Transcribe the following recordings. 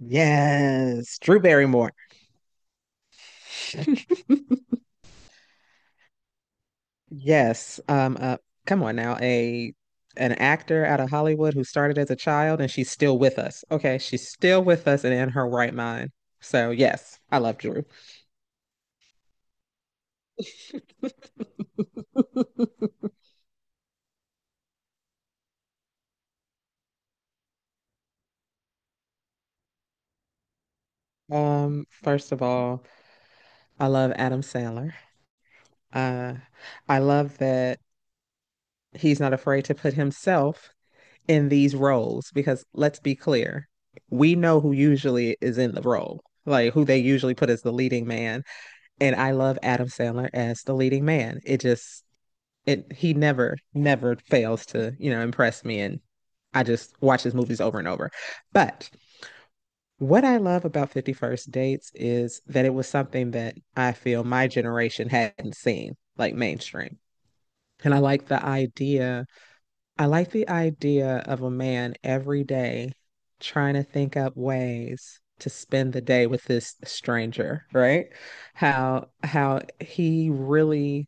Yes, Drew Barrymore. Yes. Come on now, a an actor out of Hollywood who started as a child and she's still with us. Okay, she's still with us and in her right mind. So yes, I love Drew. First of all, I love Adam Sandler. Uh, I love that he's not afraid to put himself in these roles because let's be clear, we know who usually is in the role, like who they usually put as the leading man. And I love Adam Sandler as the leading man. It he never fails to impress me, and I just watch his movies over and over. But what I love about 51st Dates is that it was something that I feel my generation hadn't seen, like mainstream. And I like the idea of a man every day trying to think up ways to spend the day with this stranger, right? How he really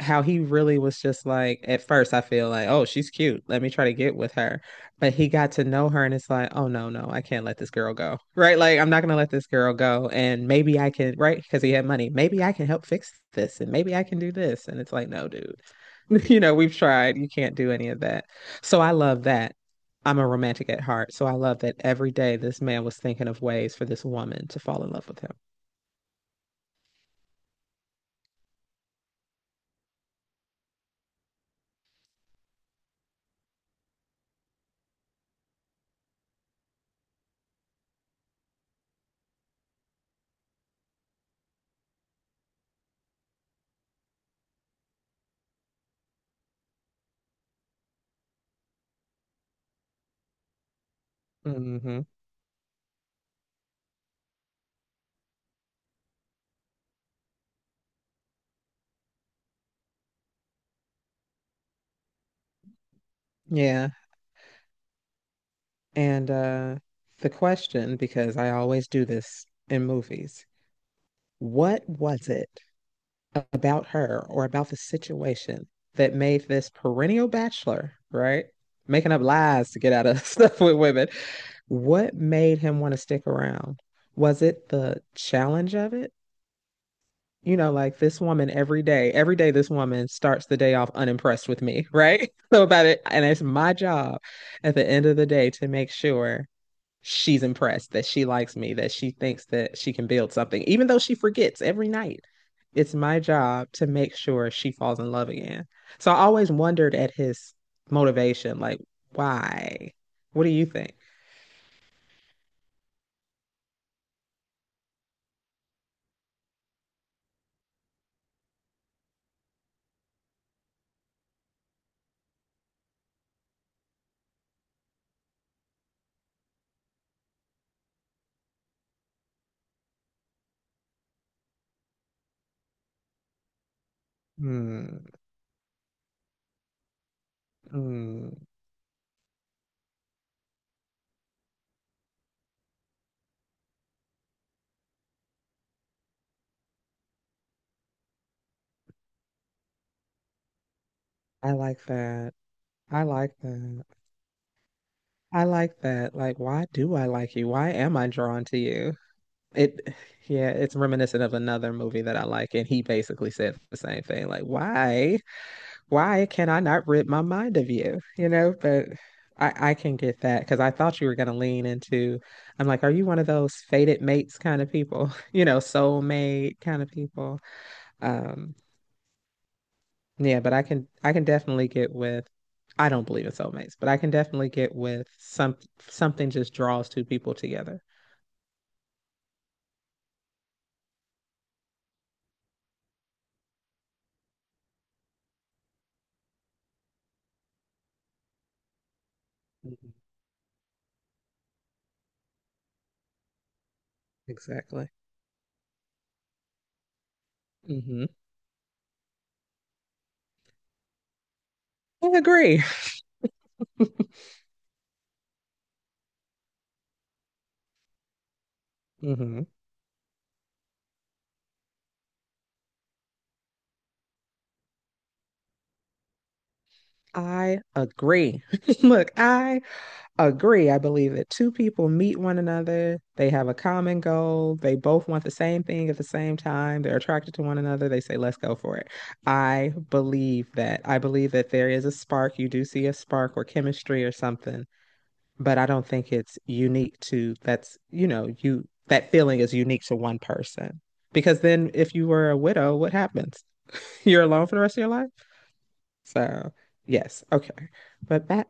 was just like at first I feel like, oh, she's cute. Let me try to get with her. But he got to know her and it's like, oh no, no, I can't let this girl go. Right? Like I'm not gonna let this girl go. And maybe I can, right? Because he had money. Maybe I can help fix this and maybe I can do this. And it's like, no, dude. You know, we've tried. You can't do any of that. So I love that. I'm a romantic at heart. So I love that every day this man was thinking of ways for this woman to fall in love with him. Yeah. And The question, because I always do this in movies, what was it about her or about the situation that made this perennial bachelor, right? Making up lies to get out of stuff with women. What made him want to stick around? Was it the challenge of it? You know, like this woman every day this woman starts the day off unimpressed with me, right? So about it, and it's my job at the end of the day to make sure she's impressed that she likes me, that she thinks that she can build something, even though she forgets every night. It's my job to make sure she falls in love again. So I always wondered at his motivation, like, why? What do you think? Hmm, hmm, I like that. I like that. I like that. Like, why do I like you? Why am I drawn to you? It, yeah, it's reminiscent of another movie that I like, and he basically said the same thing. Like, why can I not rid my mind of you? You know, but I can get that because I thought you were going to lean into, I'm like, are you one of those fated mates kind of people? You know, soulmate kind of people. Um, yeah, but I can definitely get with I don't believe in soulmates, but I can definitely get with something just draws two people together. Mhm. Exactly. hmm I agree. hmm I agree. Look, I agree. I believe that two people meet one another, they have a common goal, they both want the same thing at the same time, they're attracted to one another, they say, let's go for it. I believe that. I believe that there is a spark. You do see a spark or chemistry or something, but I don't think it's unique to that's, you know, you that feeling is unique to one person. Because then if you were a widow, what happens? You're alone for the rest of your life? So, yes, okay. But back.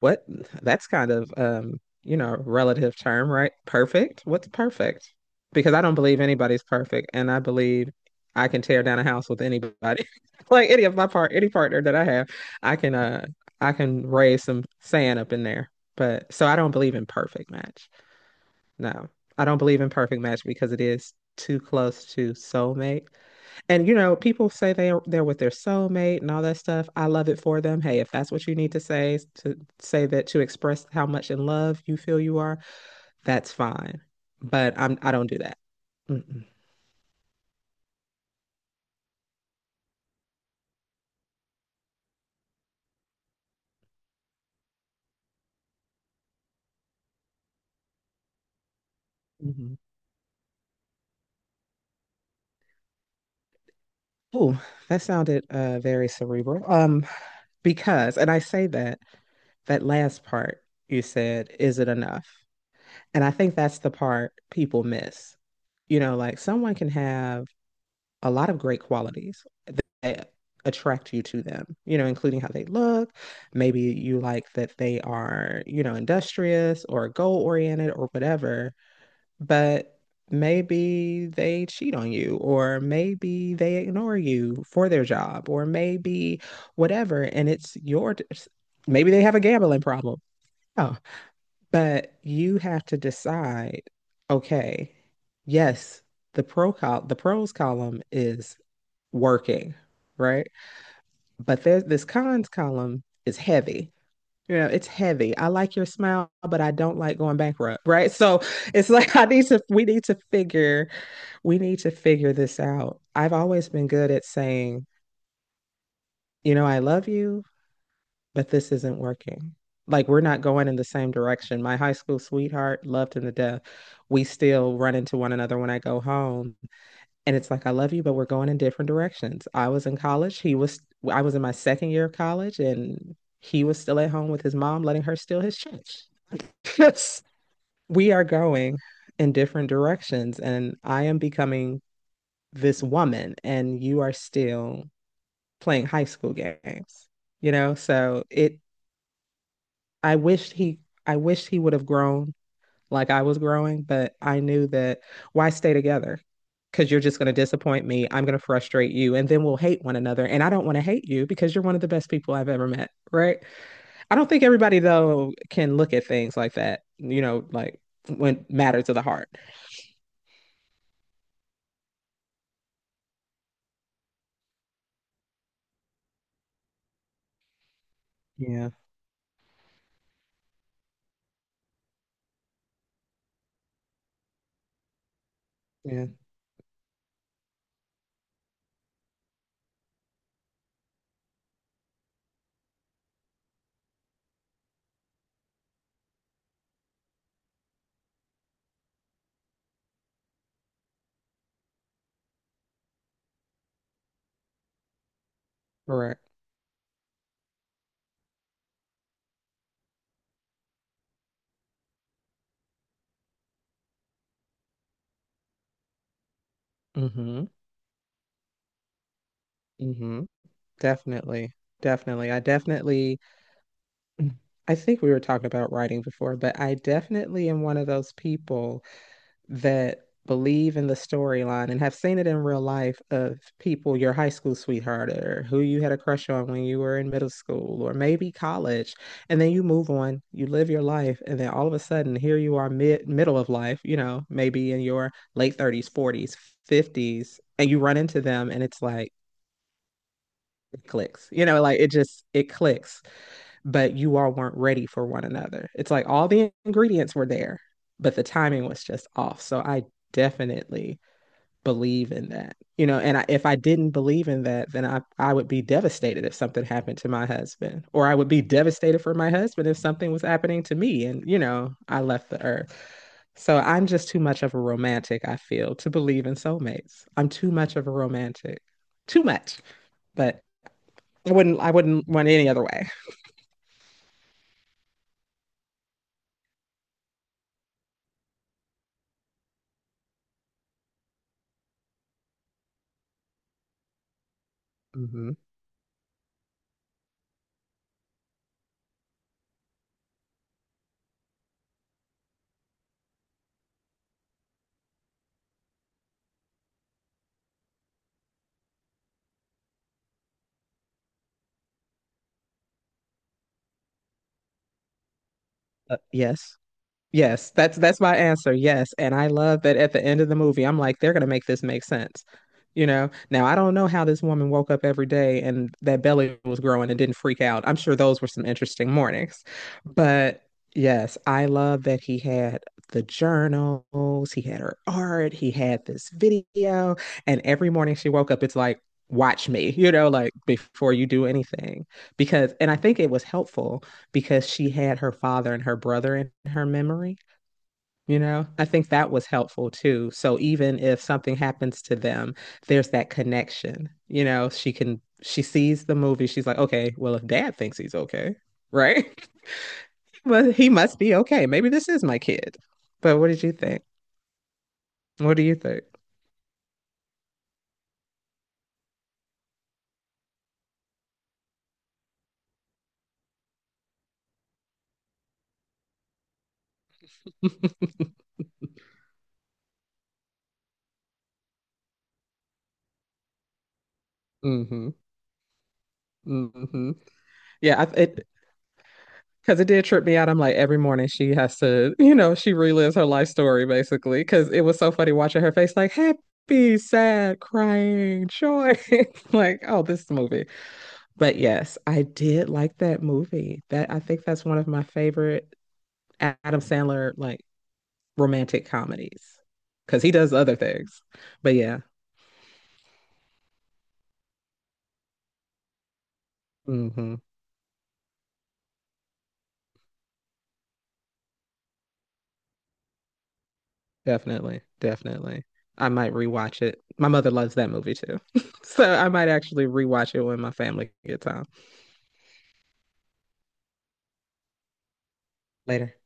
What? That's kind of you know, relative term, right? Perfect. What's perfect? Because I don't believe anybody's perfect, and I believe I can tear down a house with anybody, like any partner that I have, I can uh, I can raise some sand up in there. But so I don't believe in perfect match. No, I don't believe in perfect match because it is too close to soulmate. And you know, people say they are, they're with their soulmate and all that stuff. I love it for them. Hey, if that's what you need to say that to express how much in love you feel you are, that's fine. But I don't do that. Mm-mm. hmm Oh, that sounded very cerebral. Because, and I say that that last part you said, is it enough? And I think that's the part people miss. You know, like someone can have a lot of great qualities that attract you to them, you know, including how they look. Maybe you like that they are, you know, industrious or goal oriented or whatever, but maybe they cheat on you or maybe they ignore you for their job or maybe whatever. And it's your, maybe they have a gambling problem. Oh, but you have to decide, okay, yes, the pros column is working, right? But there's this cons column is heavy. You know, it's heavy. I like your smile, but I don't like going bankrupt, right? So it's like I need to we need to figure this out. I've always been good at saying, you know, I love you, but this isn't working. Like we're not going in the same direction. My high school sweetheart loved him to death. We still run into one another when I go home, and it's like I love you, but we're going in different directions. I was in college. He was. I was in my second year of college, and he was still at home with his mom, letting her steal his church. Yes, we are going in different directions, and I am becoming this woman, and you are still playing high school games. You know, so it I wished he I wished he would have grown like I was growing, but I knew that why stay together? Because you're just going to disappoint me. I'm going to frustrate you, and then we'll hate one another. And I don't want to hate you because you're one of the best people I've ever met, right? I don't think everybody though can look at things like that. You know, like when matter to the heart. Yeah, yeah, correct. Mm-hmm. Mm-hmm. Definitely, definitely. I think we were talking about writing before, but I definitely am one of those people that believe in the storyline and have seen it in real life of people, your high school sweetheart or who you had a crush on when you were in middle school or maybe college. And then you move on, you live your life, and then all of a sudden here you are middle of life, you know, maybe in your late 30s, 40s, 50s, and you run into them and it's like, it clicks. You know, like it just it clicks. But you all weren't ready for one another. It's like all the ingredients were there, but the timing was just off. So I definitely believe in that. You know, and if I didn't believe in that, then I would be devastated if something happened to my husband, or I would be devastated for my husband if something was happening to me and, you know, I left the earth. So I'm just too much of a romantic, I feel, to believe in soulmates. I'm too much of a romantic. Too much. But I wouldn't run it any other way. hmm yes. Yes, that's my answer. Yes, and I love that at the end of the movie, I'm like, they're gonna make this make sense. You know, now I don't know how this woman woke up every day and that belly was growing and didn't freak out. I'm sure those were some interesting mornings. But yes, I love that he had the journals, he had her art, he had this video, and every morning she woke up, it's like, watch me, you know, like before you do anything. Because, and I think it was helpful because she had her father and her brother in her memory. You know, I think that was helpful too. So even if something happens to them, there's that connection. You know, she sees the movie. She's like, okay, well, if dad thinks he's okay, right? Well, he must be okay. Maybe this is my kid. But what did you think? What do you think? Mm-hmm. Mm-hmm. Yeah, I, it Because it did trip me out. I'm like, every morning she has to, you know, she relives her life story basically. Because it was so funny watching her face, like happy, sad, crying, joy. Like, oh, this movie. But yes, I did like that movie. That I think that's one of my favorite Adam Sandler like romantic comedies because he does other things. But yeah, hmm definitely, definitely. I might rewatch it. My mother loves that movie too. So I might actually rewatch it when my family gets home. Later.